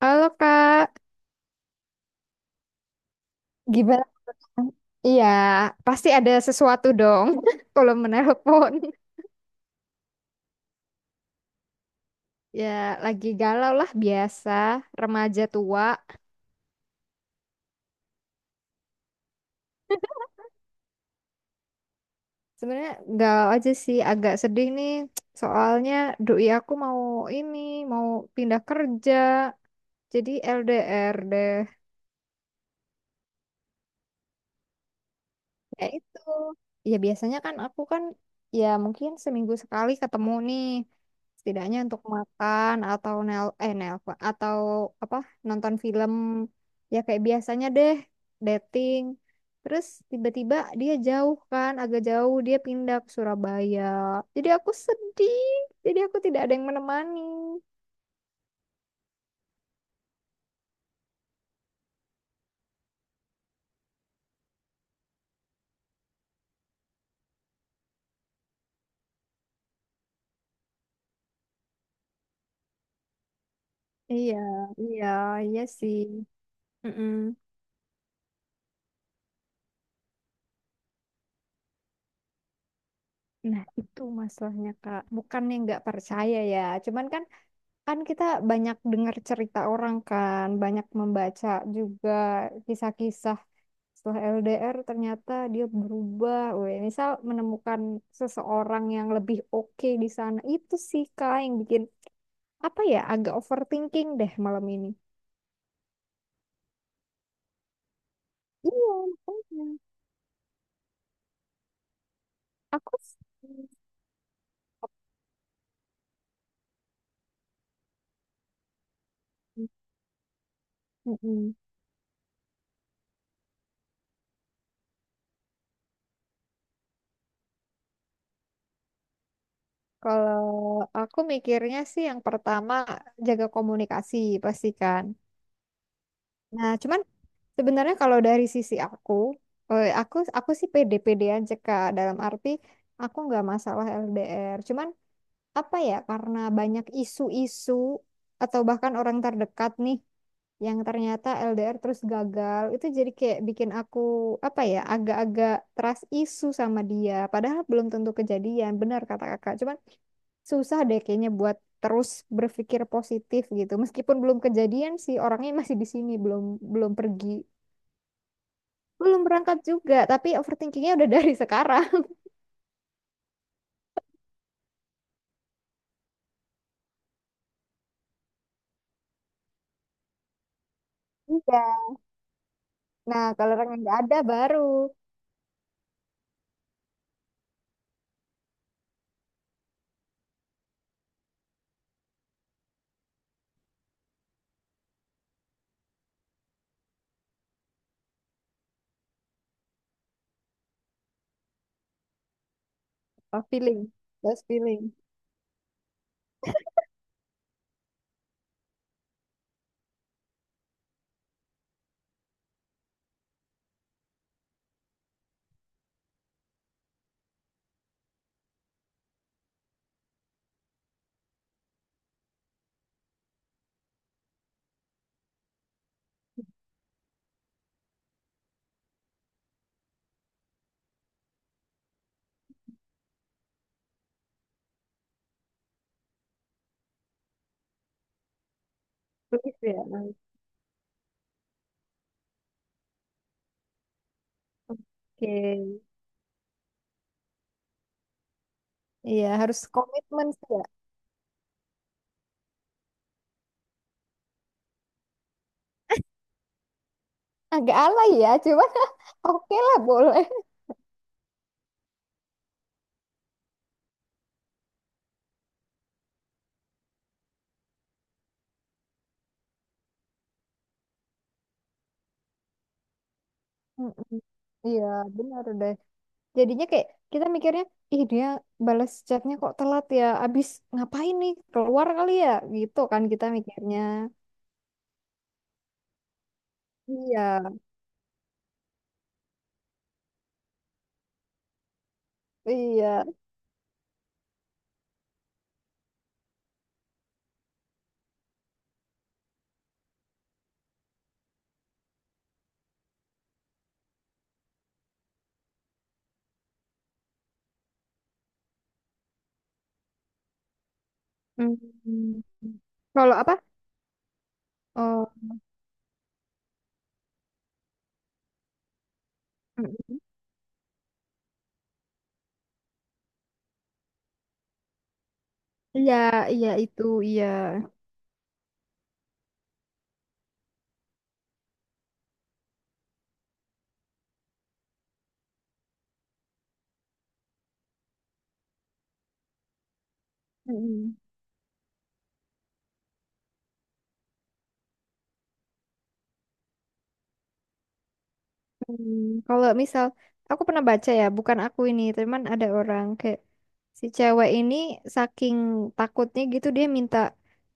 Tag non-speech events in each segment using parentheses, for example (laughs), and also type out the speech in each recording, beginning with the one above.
Halo Kak, gimana? Iya, pasti ada sesuatu dong (laughs) kalau menelpon. Ya, lagi galau lah biasa, remaja tua. Sebenarnya galau aja sih, agak sedih nih. Soalnya doi aku mau ini, mau pindah kerja, jadi LDR deh. Ya itu. Ya biasanya kan aku kan ya mungkin seminggu sekali ketemu nih, setidaknya untuk makan atau nelpon atau apa, nonton film, ya kayak biasanya deh, dating. Terus tiba-tiba dia jauh kan, agak jauh, dia pindah ke Surabaya. Jadi aku sedih. Jadi aku tidak ada yang menemani. Iya, iya, iya sih. Mm-mm. Nah, itu masalahnya, Kak. Bukannya nggak percaya ya. Cuman kan kan kita banyak dengar cerita orang kan, banyak membaca juga kisah-kisah, setelah LDR ternyata dia berubah. Weh, misal menemukan seseorang yang lebih oke di sana. Itu sih Kak yang bikin apa ya, agak overthinking deh malam ini. Iya, makanya. Aku sih-. Mm-mm. Kalau aku mikirnya sih yang pertama jaga komunikasi, pastikan. Nah, cuman sebenarnya kalau dari sisi aku, aku sih pede-pede aja Kak. Dalam arti aku nggak masalah LDR. Cuman apa ya? Karena banyak isu-isu atau bahkan orang terdekat nih yang ternyata LDR terus gagal, itu jadi kayak bikin aku apa ya? Agak-agak trust isu sama dia. Padahal belum tentu kejadian. Benar kata Kakak. Cuman susah deh kayaknya buat terus berpikir positif gitu. Meskipun belum kejadian sih, orangnya masih di sini, belum belum pergi. Belum berangkat juga, tapi overthinkingnya udah dari (laughs) sekarang. Iya. Nah, kalau orang yang nggak ada baru, oh, feeling, just feeling. Please ya. Oke. Iya, harus komitmen sih ya. Agak alay ya, cuma (laughs) oke lah boleh. Mm-mm. Iya, benar deh. Jadinya kayak kita mikirnya, ih dia balas chatnya kok telat ya, abis ngapain nih, keluar kali ya, gitu kan kita mikirnya. Iya, iya. Mm. Kalau apa? Oh, mm. Iya, iya itu, iya. Mm-mm. Hmm, kalau misal aku pernah baca ya, bukan aku ini, teman, ada orang kayak si cewek ini, saking takutnya gitu dia minta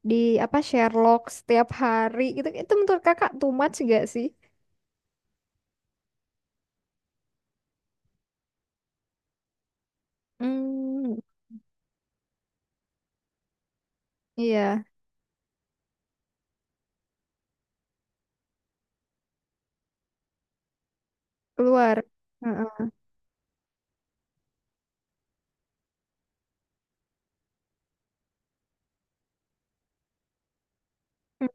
di apa Sherlock setiap hari gitu. Itu menurut kakak too much gak sih? Hmm, iya, keluar. Heeh. Hmm.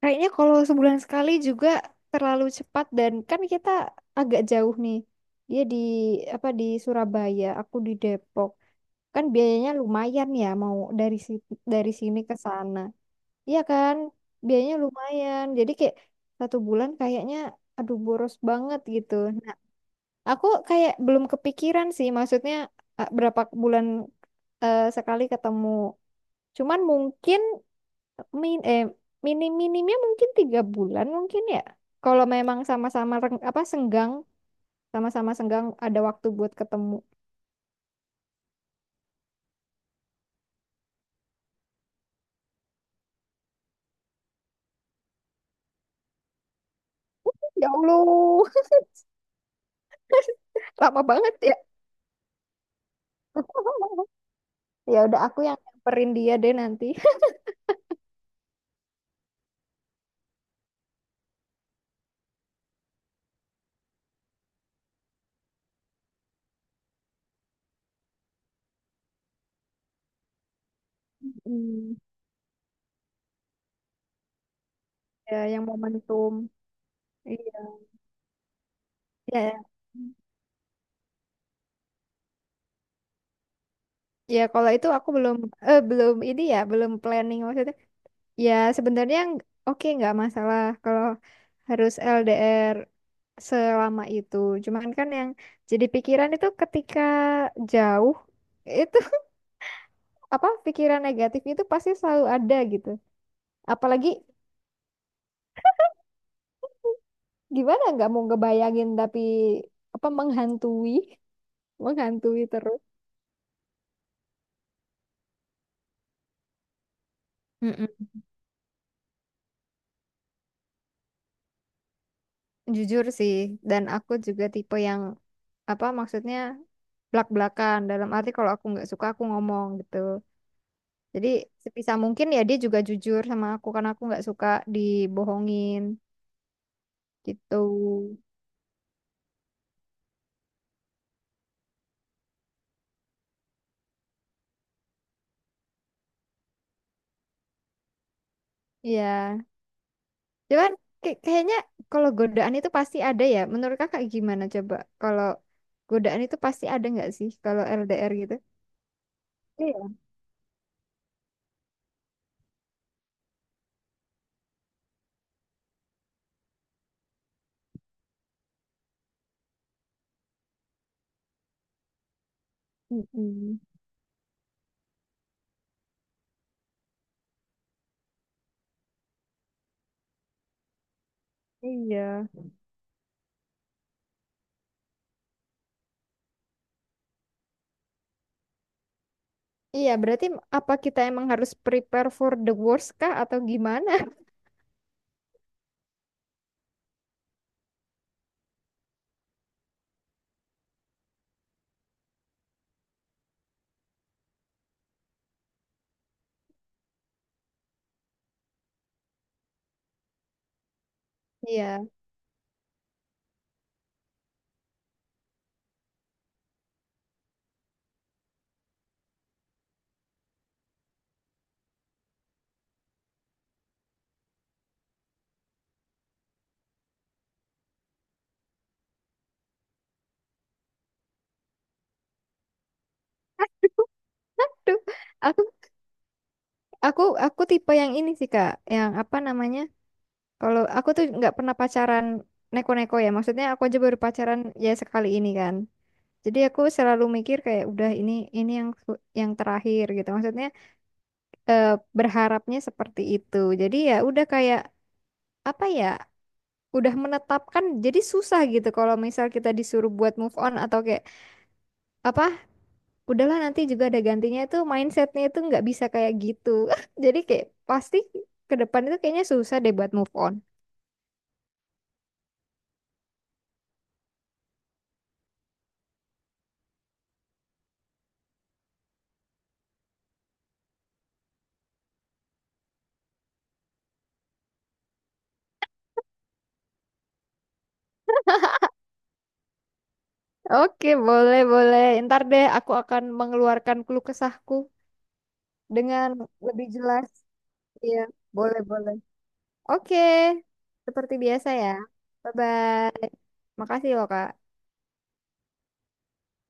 Kayaknya kalau sebulan sekali juga terlalu cepat, dan kan kita agak jauh nih. Dia di apa di Surabaya, aku di Depok. Kan biayanya lumayan ya, mau dari dari sini ke sana. Iya kan? Biayanya lumayan. Jadi kayak 1 bulan kayaknya aduh boros banget gitu. Nah, aku kayak belum kepikiran sih, maksudnya berapa bulan sekali ketemu. Cuman mungkin min eh minim-minimnya mungkin 3 bulan mungkin ya. Kalau memang sama-sama reng- apa senggang, sama-sama senggang ada waktu buat ketemu. Ya Allah, (laughs) lama banget ya. (laughs) Ya udah, aku yang nyamperin dia deh nanti. (laughs) Mm. Ya yang momentum. Iya. Ya. Ya, ya, kalau itu aku belum ini ya, belum planning maksudnya. Ya sebenarnya oke, nggak masalah kalau harus LDR selama itu. Cuman kan yang jadi pikiran itu ketika jauh itu (laughs) apa, pikiran negatif itu pasti selalu ada gitu. Apalagi gimana, nggak mau ngebayangin tapi apa, menghantui, (laughs) menghantui terus. Mm-mm. Jujur sih, dan aku juga tipe yang apa, maksudnya blak-blakan, dalam arti kalau aku nggak suka aku ngomong gitu. Jadi sebisa mungkin ya dia juga jujur sama aku, karena aku nggak suka dibohongin gitu. Iya, cuman kayaknya kalau godaan itu pasti ada ya. Menurut kakak gimana coba? Kalau godaan itu pasti ada nggak sih kalau LDR gitu? Iya. Mm-mm. Iya. Iya, berarti apa, kita emang harus prepare for the worst kah atau gimana? (laughs) Iya. Aduh, aku aku tipe yang ini sih Kak, yang apa namanya? Kalau aku tuh nggak pernah pacaran neko-neko ya. Maksudnya aku aja baru pacaran ya sekali ini kan. Jadi aku selalu mikir kayak udah ini yang terakhir gitu. Maksudnya eh, berharapnya seperti itu. Jadi ya udah kayak apa ya? Udah menetapkan, jadi susah gitu kalau misal kita disuruh buat move on, atau kayak apa, udahlah nanti juga ada gantinya, itu mindsetnya itu nggak bisa kayak gitu, (laughs) jadi kayak pasti ke depan itu kayaknya susah deh buat move on. Oke, boleh boleh, ntar deh aku akan mengeluarkan keluh kesahku dengan lebih jelas. Iya, boleh boleh. Oke, seperti biasa ya. Bye bye. Makasih loh Kak.